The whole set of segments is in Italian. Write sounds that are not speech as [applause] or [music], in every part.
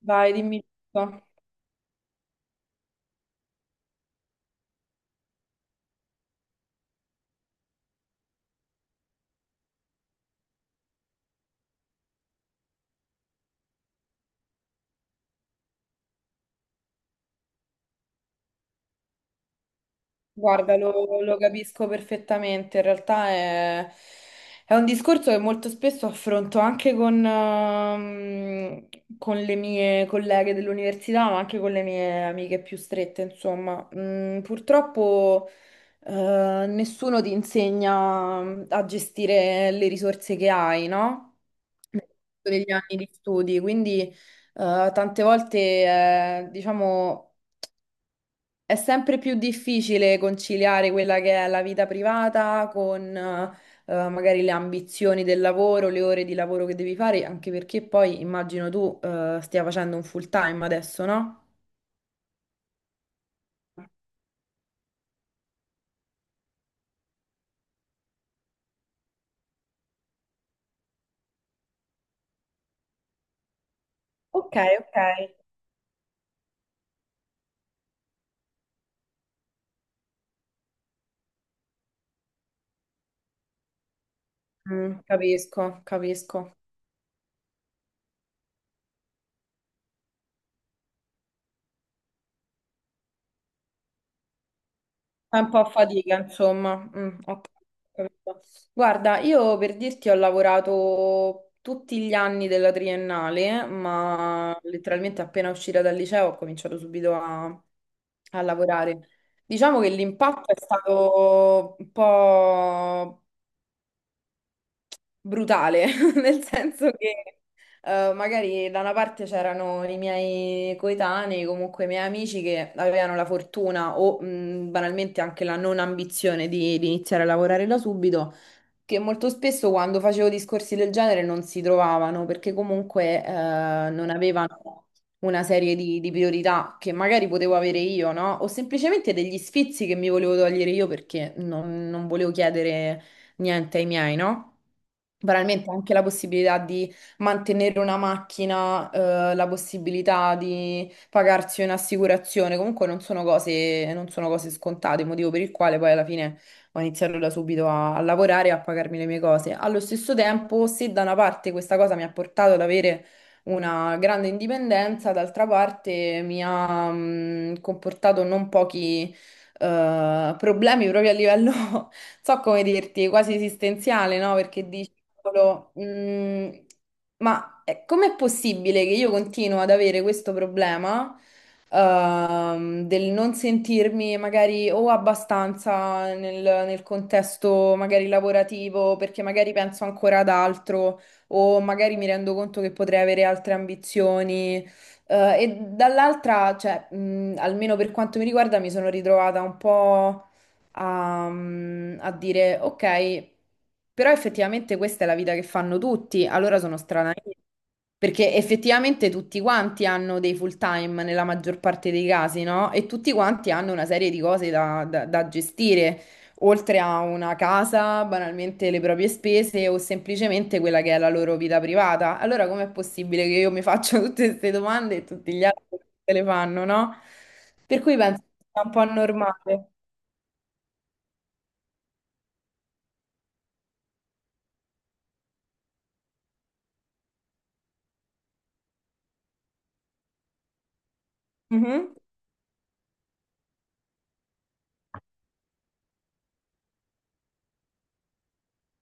Vai, dimmi tutto. Guarda, lo capisco perfettamente. In realtà è un discorso che molto spesso affronto anche con con le mie colleghe dell'università, ma anche con le mie amiche più strette, insomma. Mm, purtroppo, nessuno ti insegna a gestire le risorse che hai, no? Nel corso degli anni di studi, quindi, tante volte, diciamo. È sempre più difficile conciliare quella che è la vita privata con magari le ambizioni del lavoro, le ore di lavoro che devi fare, anche perché poi immagino tu stia facendo un full time adesso, no? Ok, ok. Mm, capisco, capisco. È un po' a fatica, insomma. Mm, ho capito. Guarda, io per dirti ho lavorato tutti gli anni della triennale, ma letteralmente appena uscita dal liceo ho cominciato subito a lavorare. Diciamo che l'impatto è stato un po' brutale, [laughs] nel senso che magari da una parte c'erano i miei coetanei, comunque i miei amici che avevano la fortuna o banalmente anche la non ambizione di iniziare a lavorare da subito, che molto spesso quando facevo discorsi del genere non si trovavano perché comunque non avevano una serie di priorità che magari potevo avere io, no? O semplicemente degli sfizi che mi volevo togliere io perché non volevo chiedere niente ai miei, no? Veramente anche la possibilità di mantenere una macchina, la possibilità di pagarsi un'assicurazione, comunque non sono cose scontate, motivo per il quale poi alla fine ho iniziato da subito a lavorare e a pagarmi le mie cose. Allo stesso tempo, se da una parte questa cosa mi ha portato ad avere una grande indipendenza, d'altra parte mi ha, mm, comportato non pochi problemi proprio a livello, [laughs] non so come dirti, quasi esistenziale, no? Perché dici, "Cavolo, mm, ma com'è possibile che io continuo ad avere questo problema? Ehm, del non sentirmi magari o abbastanza nel contesto magari lavorativo, perché magari penso ancora ad altro, o magari mi rendo conto che potrei avere altre ambizioni. E dall'altra, cioè, almeno per quanto mi riguarda, mi sono ritrovata un po' a dire, ok, però effettivamente questa è la vita che fanno tutti, allora sono strana io. Perché effettivamente tutti quanti hanno dei full time nella maggior parte dei casi, no? E tutti quanti hanno una serie di cose da gestire oltre a una casa, banalmente le proprie spese o semplicemente quella che è la loro vita privata. Allora com'è possibile che io mi faccia [laughs] tutte queste domande e tutti gli altri se le fanno, no? Per cui penso che sia un po' normale. Mhm.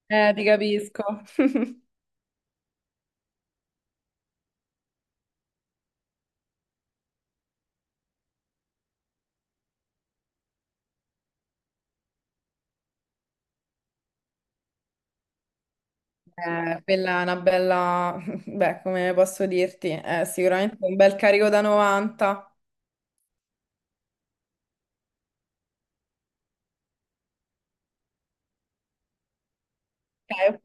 Ti capisco. [laughs] Quella è una bella, [laughs] beh, come posso dirti, è sicuramente un bel carico da 90. Ok, ok.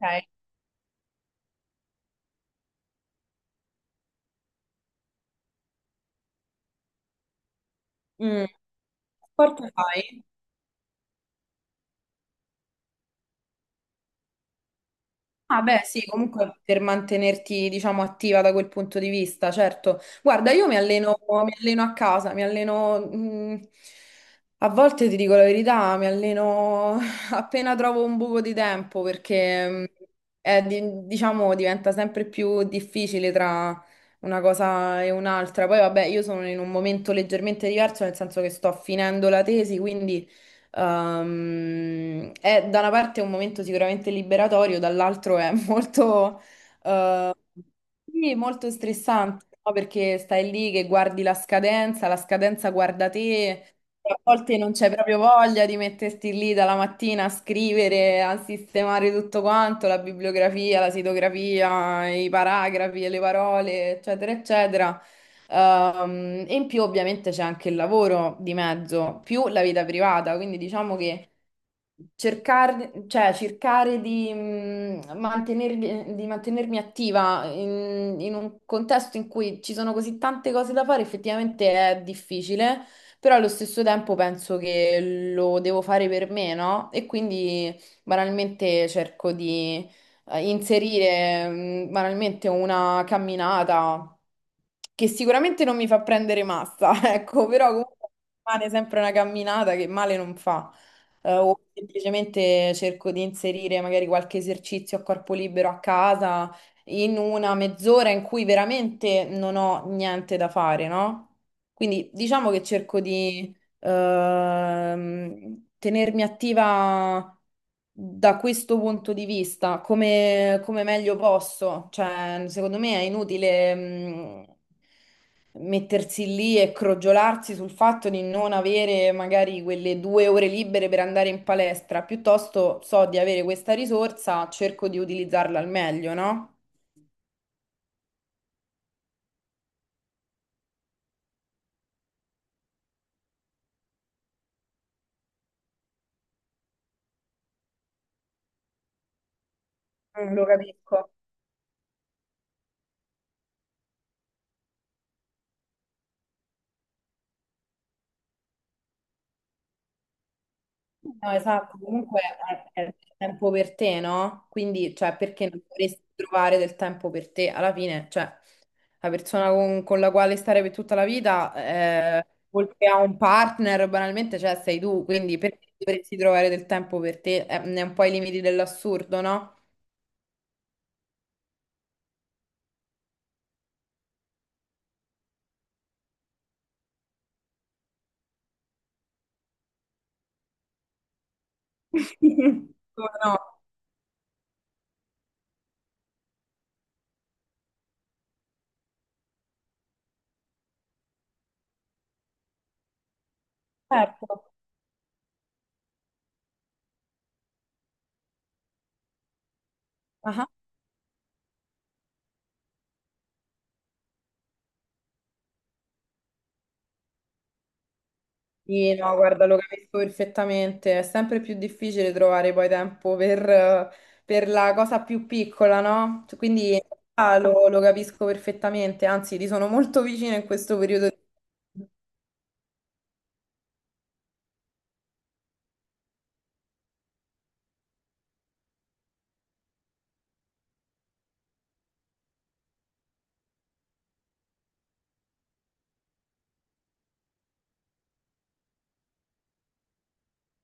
Mm. Sport fai? Ah, beh, sì, comunque per mantenerti, diciamo, attiva da quel punto di vista, certo. Guarda, io mi alleno a casa, mi alleno, a volte ti dico la verità, mi alleno [laughs] [sighs] appena trovo un buco di tempo perché, è diciamo, diventa sempre più difficile tra una cosa e un'altra. Poi, vabbè, io sono in un momento leggermente diverso, nel senso che sto finendo la tesi, quindi... è da una parte un momento sicuramente liberatorio, dall'altro è [laughs] molto, eh, sì, molto stressante, no? Perché stai lì che guardi la scadenza guarda te, a volte non c'è proprio voglia di metterti lì dalla mattina a scrivere, a sistemare tutto quanto, la bibliografia, la sitografia, i paragrafi, le parole, eccetera, eccetera. E in più ovviamente c'è anche il lavoro di mezzo, più la vita privata, quindi diciamo che cercare, cioè, cercare mantenermi, di mantenermi attiva in un contesto in cui ci sono così tante cose da fare, effettivamente è difficile, però allo stesso tempo penso che lo devo fare per me, no? E quindi banalmente cerco di inserire banalmente una camminata che sicuramente non mi fa prendere massa, [laughs] ecco, però comunque rimane sempre una camminata che male non fa o semplicemente cerco di inserire magari qualche esercizio a corpo libero a casa in una mezz'ora in cui veramente non ho niente da fare, no? Quindi diciamo che cerco di tenermi attiva da questo punto di vista, come meglio posso. Cioè, secondo me è inutile, mettersi lì e crogiolarsi sul fatto di non avere magari quelle due ore libere per andare in palestra. Piuttosto so di avere questa risorsa, cerco di utilizzarla al meglio, no? Mm, lo capisco. No, esatto, comunque è tempo per te, no? Quindi, cioè, perché non dovresti trovare del tempo per te? Alla fine, cioè, la persona con la quale stare per tutta la vita, oltre a un partner, banalmente, cioè, sei tu, quindi perché dovresti trovare del tempo per te? Ne è un po' i limiti dell'assurdo, no? [laughs] Sì, come no, certo. Ah. Sì, no, guarda, lo capisco perfettamente. È sempre più difficile trovare poi tempo per la cosa più piccola, no? Cioè, quindi in realtà lo capisco perfettamente, anzi, ti sono molto vicina in questo periodo.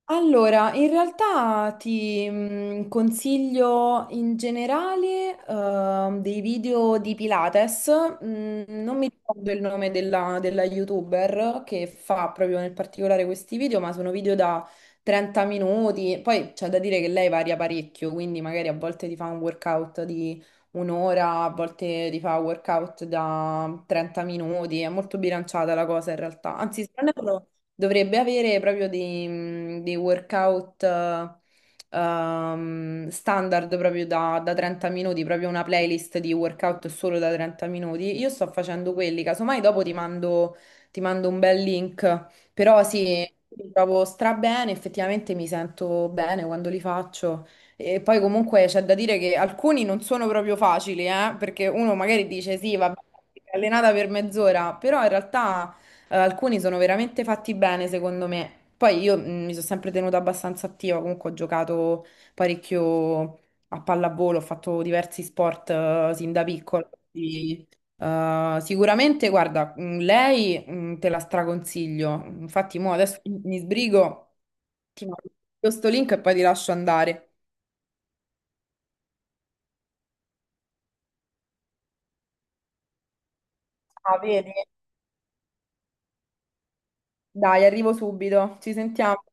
Allora, in realtà ti consiglio in generale dei video di Pilates. Non mi ricordo il nome della, della YouTuber che fa proprio nel particolare questi video, ma sono video da 30 minuti. Poi c'è da dire che lei varia parecchio, quindi magari a volte ti fa un workout di un'ora, a volte ti fa un workout da 30 minuti. È molto bilanciata la cosa in realtà. Anzi, se non erro. Dovrebbe avere proprio dei, mhmm, dei workout standard proprio da 30 minuti, proprio una playlist di workout solo da 30 minuti. Io sto facendo quelli, casomai dopo ti mando un bel link, però sì, mi trovo stra bene, effettivamente mi sento bene quando li faccio. E poi comunque c'è da dire che alcuni non sono proprio facili, perché uno magari dice sì, vabbè, allenata per mezz'ora, però in realtà... alcuni sono veramente fatti bene, secondo me. Poi io mi sono sempre tenuta abbastanza attiva, comunque ho giocato parecchio a pallavolo, ho fatto diversi sport sin da piccola. Quindi, sicuramente, guarda, lei te la straconsiglio. Infatti, mo adesso mi sbrigo, ti mando questo link e poi ti lascio andare. Ah, vedi? Dai, arrivo subito. Ci sentiamo.